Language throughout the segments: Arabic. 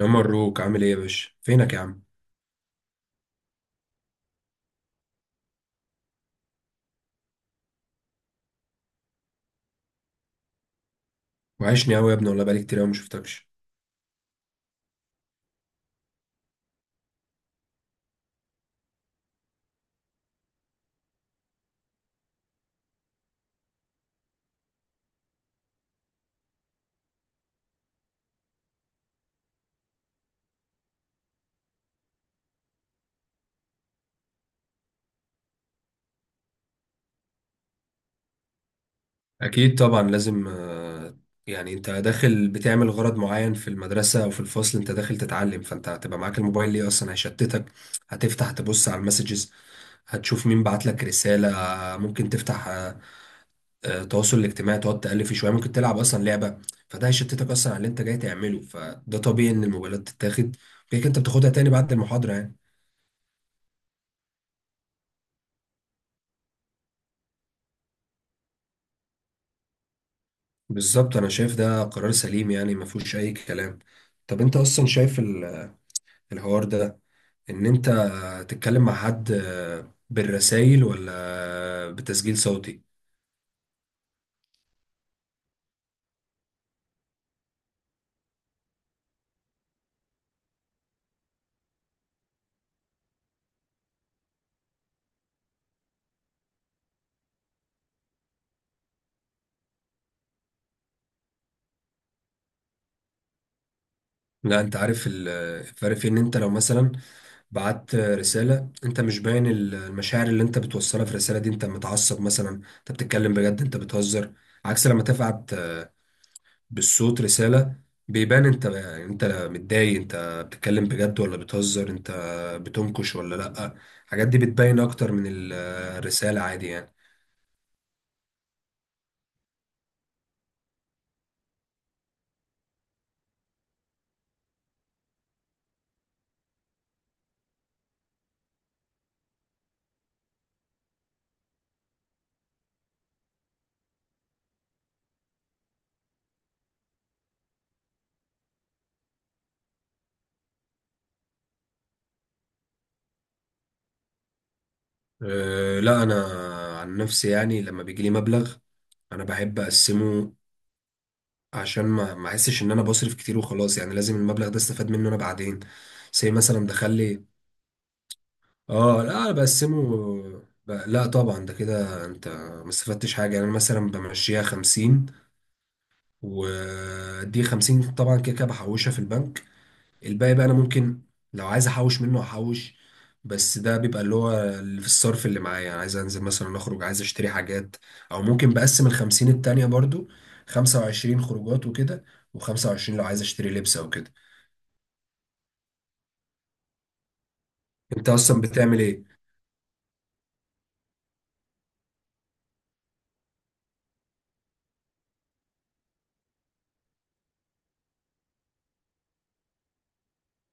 يا مبروك، عامل ايه يا باشا؟ فينك يا عم؟ وحشني قوي يا ابني والله، بقالي كتير قوي ما شفتكش. اكيد طبعا لازم. يعني انت داخل بتعمل غرض معين في المدرسه او في الفصل، انت داخل تتعلم، فانت هتبقى معاك الموبايل ليه اصلا؟ هيشتتك، هتفتح تبص على المسجز، هتشوف مين بعت لك رساله. ممكن تفتح التواصل الاجتماعي، تقعد تالف شويه، ممكن تلعب اصلا لعبه. فده هيشتتك اصلا على اللي انت جاي تعمله، فده طبيعي ان الموبايلات تتاخد. كده كده انت بتاخدها تاني بعد المحاضره يعني. بالظبط، انا شايف ده قرار سليم يعني، ما فيهوش اي كلام. طب انت اصلا شايف الحوار ده، ان انت تتكلم مع حد بالرسائل ولا بتسجيل صوتي؟ لا انت عارف الفرق، في ان انت لو مثلا بعت رسالة انت مش باين المشاعر اللي انت بتوصلها في الرسالة دي. انت متعصب مثلا، انت بتتكلم بجد، انت بتهزر؟ عكس لما تبعت بالصوت رسالة، بيبان انت متضايق، انت بتتكلم بجد ولا بتهزر، انت بتنكش ولا لأ. الحاجات دي بتبين اكتر من الرسالة عادي يعني. أه لا، انا عن نفسي يعني لما بيجيلي مبلغ، انا بحب اقسمه عشان ما احسش ان انا بصرف كتير وخلاص. يعني لازم المبلغ ده استفاد منه انا بعدين. زي مثلا دخل لي، اه لا انا بقسمه لا طبعا، ده كده انت ما استفدتش حاجه يعني. انا مثلا بمشيها 50، ودي 50 طبعا كده كده بحوشها في البنك. الباقي بقى انا ممكن لو عايز احوش منه احوش، بس ده بيبقى اللي هو اللي في الصرف اللي معايا. يعني عايز انزل مثلا اخرج، عايز اشتري حاجات. او ممكن بقسم ال 50 التانية برضو، 25 خروجات وكده، و25 لو عايز اشتري لبس او كده. انت اصلا بتعمل ايه؟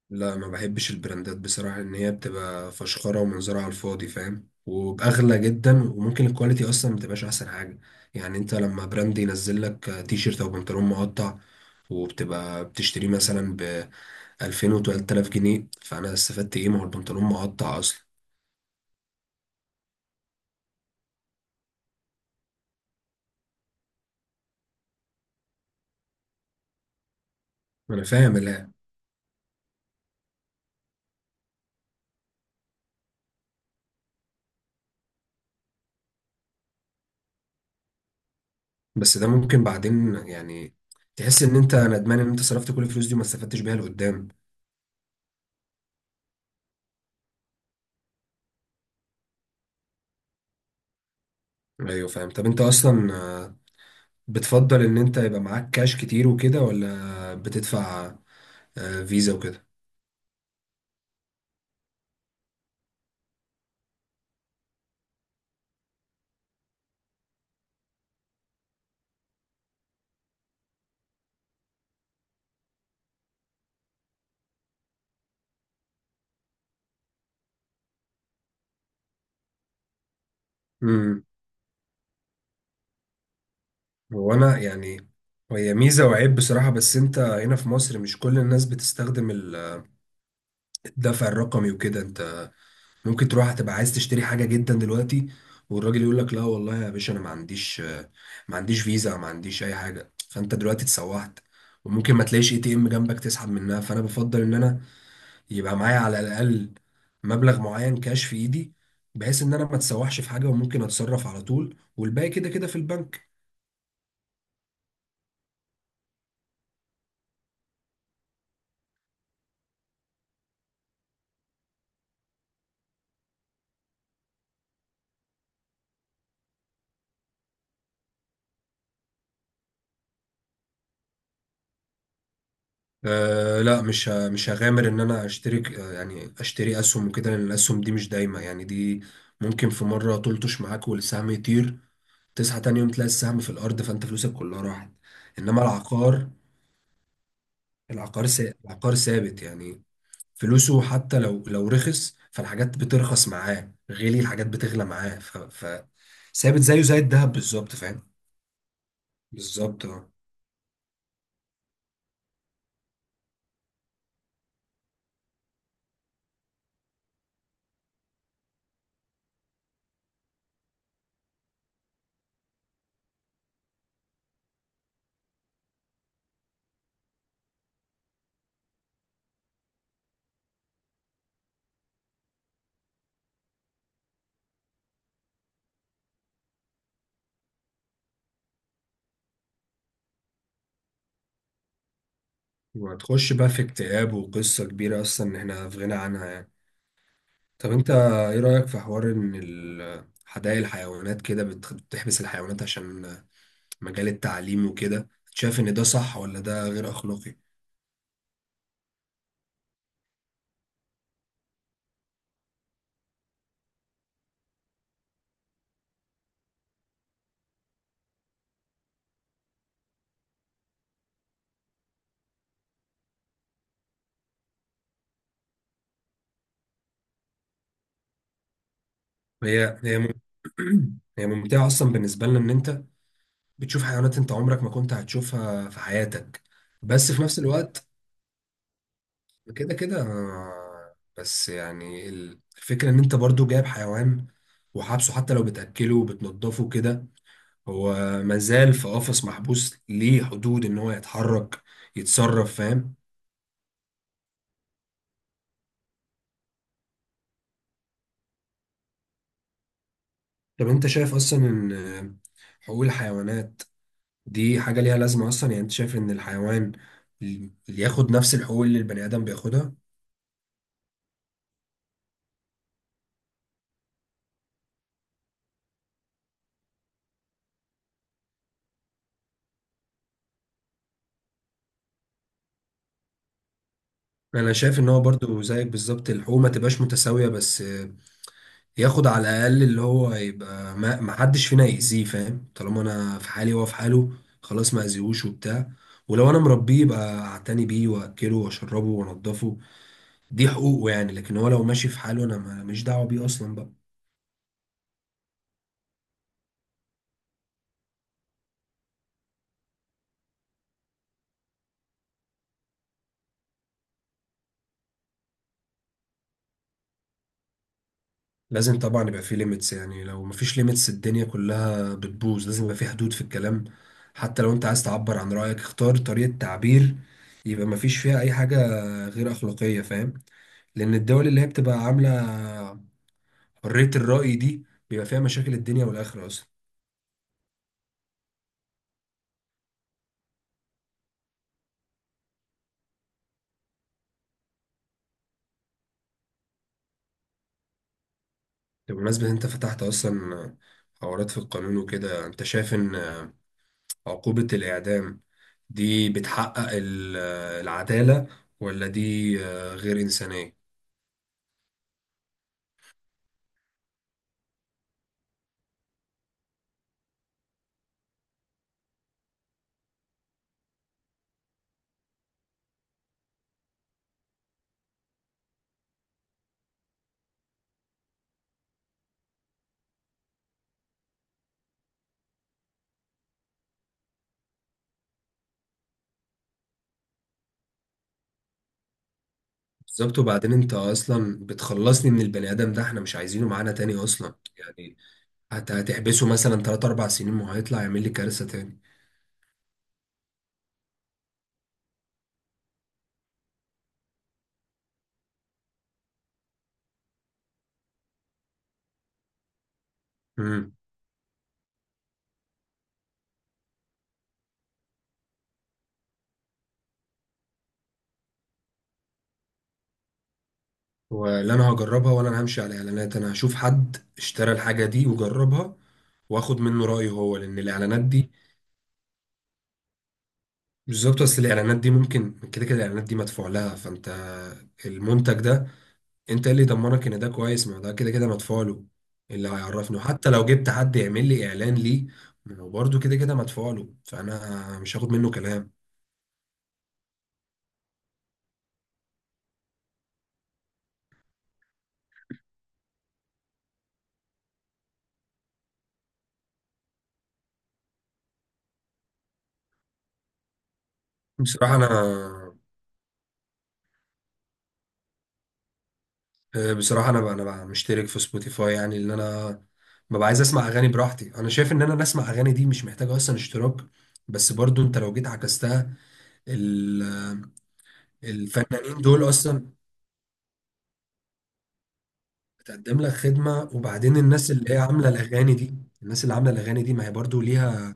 لا ما بحبش البراندات بصراحة، ان هي بتبقى فشخرة ومنظرها على الفاضي فاهم؟ وبأغلى جدا، وممكن الكواليتي اصلا ما تبقاش احسن حاجة. يعني انت لما براند ينزل لك تي شيرت او بنطلون مقطع وبتبقى بتشتريه مثلا ب 2000 و 3000 جنيه، فانا استفدت ايه؟ ما هو البنطلون مقطع اصلا. انا فاهم، لا بس ده ممكن بعدين يعني تحس ان انت ندمان ان انت صرفت كل الفلوس دي وما استفدتش بيها لقدام. ايوه فاهم. طب انت اصلا بتفضل ان انت يبقى معاك كاش كتير وكده، ولا بتدفع فيزا وكده؟ امم هو انا يعني هي ميزه وعيب بصراحه. بس انت هنا في مصر مش كل الناس بتستخدم الدفع الرقمي وكده. انت ممكن تروح هتبقى عايز تشتري حاجه جدا دلوقتي، والراجل يقول لك لا والله يا باشا انا ما عنديش ما عنديش فيزا، ما عنديش اي حاجه، فانت دلوقتي اتسوحت. وممكن ما تلاقيش اي تي ام جنبك تسحب منها. فانا بفضل ان انا يبقى معايا على الاقل مبلغ معين كاش في ايدي، بحيث ان انا ما اتسوحش في حاجه، وممكن اتصرف على طول، والباقي كده كده في البنك. أه لا، مش هغامر ان انا اشترك يعني اشتري اسهم وكده، لان الاسهم دي مش دايمه يعني. دي ممكن في مره تلطش معاك والسهم يطير، تصحى تاني يوم تلاقي السهم في الارض، فانت فلوسك كلها راحت. انما العقار، العقار ثابت يعني. فلوسه حتى لو رخص فالحاجات بترخص معاه، غالي الحاجات بتغلى معاه. ثابت زيه زي الذهب بالظبط فاهم. بالظبط اه. وهتخش بقى في اكتئاب وقصة كبيرة أصلا إحنا في غنى عنها يعني. طب أنت إيه رأيك في حوار إن حدائق الحيوانات كده بتحبس الحيوانات عشان مجال التعليم وكده؟ شايف إن ده صح ولا ده غير أخلاقي؟ هي هي مم- هي ممتعة أصلا بالنسبة لنا، إن أنت بتشوف حيوانات انت عمرك ما كنت هتشوفها في حياتك. بس في نفس الوقت كده كده، بس يعني الفكرة ان انت برضو جايب حيوان وحابسه. حتى لو بتأكله وبتنضفه كده، هو مازال في قفص محبوس، ليه حدود ان هو يتحرك، يتصرف فاهم. طب انت شايف اصلا ان حقوق الحيوانات دي حاجة ليها لازمة اصلا يعني؟ انت شايف ان الحيوان اللي ياخد نفس الحقوق اللي البني آدم بياخدها؟ انا شايف ان هو برضو زيك بالظبط، الحقوق ما تبقاش متساويه، بس ياخد على الاقل اللي هو يبقى ما حدش فينا يأذيه فاهم. طالما انا في حالي وهو في حاله، خلاص ما اذيهوش وبتاع. ولو انا مربيه يبقى اعتني بيه، واكله، واشربه، وانضفه. دي حقوقه يعني. لكن هو لو ماشي في حاله، انا ماليش دعوه بيه اصلا بقى. لازم طبعا يبقى في ليميتس يعني. لو مفيش ليميتس الدنيا كلها بتبوظ. لازم يبقى في حدود في الكلام. حتى لو انت عايز تعبر عن رأيك، اختار طريقة تعبير يبقى مفيش فيها اي حاجة غير أخلاقية فاهم. لأن الدول اللي هي بتبقى عاملة حرية الرأي دي بيبقى فيها مشاكل الدنيا والآخرة أصلا. بمناسبة إن انت فتحت أصلا حوارات في القانون وكده، انت شايف إن عقوبة الإعدام دي بتحقق العدالة، ولا دي غير إنسانية؟ بالظبط. وبعدين انت اصلا بتخلصني من البني ادم ده، احنا مش عايزينه معانا تاني اصلا يعني. هتحبسه مثلا 3 4 سنين وهيطلع يعمل لي كارثة تاني. امم ولا انا هجربها، ولا انا همشي على اعلانات. انا هشوف حد اشترى الحاجة دي وجربها، واخد منه رأيه هو، لان الاعلانات دي، بالظبط. بس الاعلانات دي ممكن كده كده الاعلانات دي مدفوع لها، فانت المنتج ده انت اللي يضمنك ان ده كويس، ما ده كده كده مدفوع له. اللي هيعرفني، وحتى لو جبت حد يعمل لي اعلان ليه، ما هو برضه كده كده مدفوع له، فانا مش هاخد منه كلام. بصراحه انا، بصراحه انا بقى، انا بقى مشترك في سبوتيفاي. يعني اللي انا ببقى عايز اسمع اغاني براحتي، انا شايف ان انا اسمع اغاني دي مش محتاجه اصلا اشتراك. بس برضه انت لو جيت عكستها، ال- الفنانين دول اصلا بتقدم لك خدمه. وبعدين الناس اللي هي عامله الاغاني دي، ما هي برضه ليها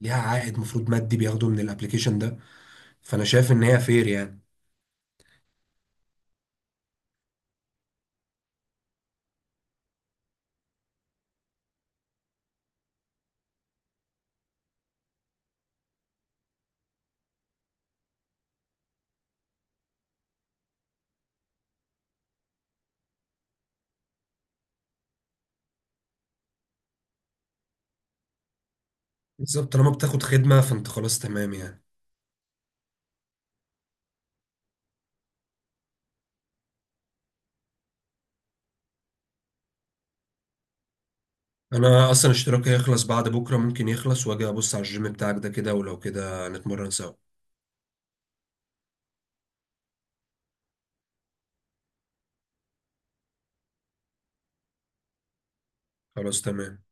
ليها عائد مفروض مادي بياخده من الابليكيشن ده. فانا شايف ان هي فير يعني. بالظبط، طالما بتاخد خدمه فانت خلاص تمام يعني. انا اصلا اشتراكي هيخلص بعد بكره، ممكن يخلص واجي ابص على الجيم بتاعك ده كده، ولو كده نتمرن سوا. خلاص تمام.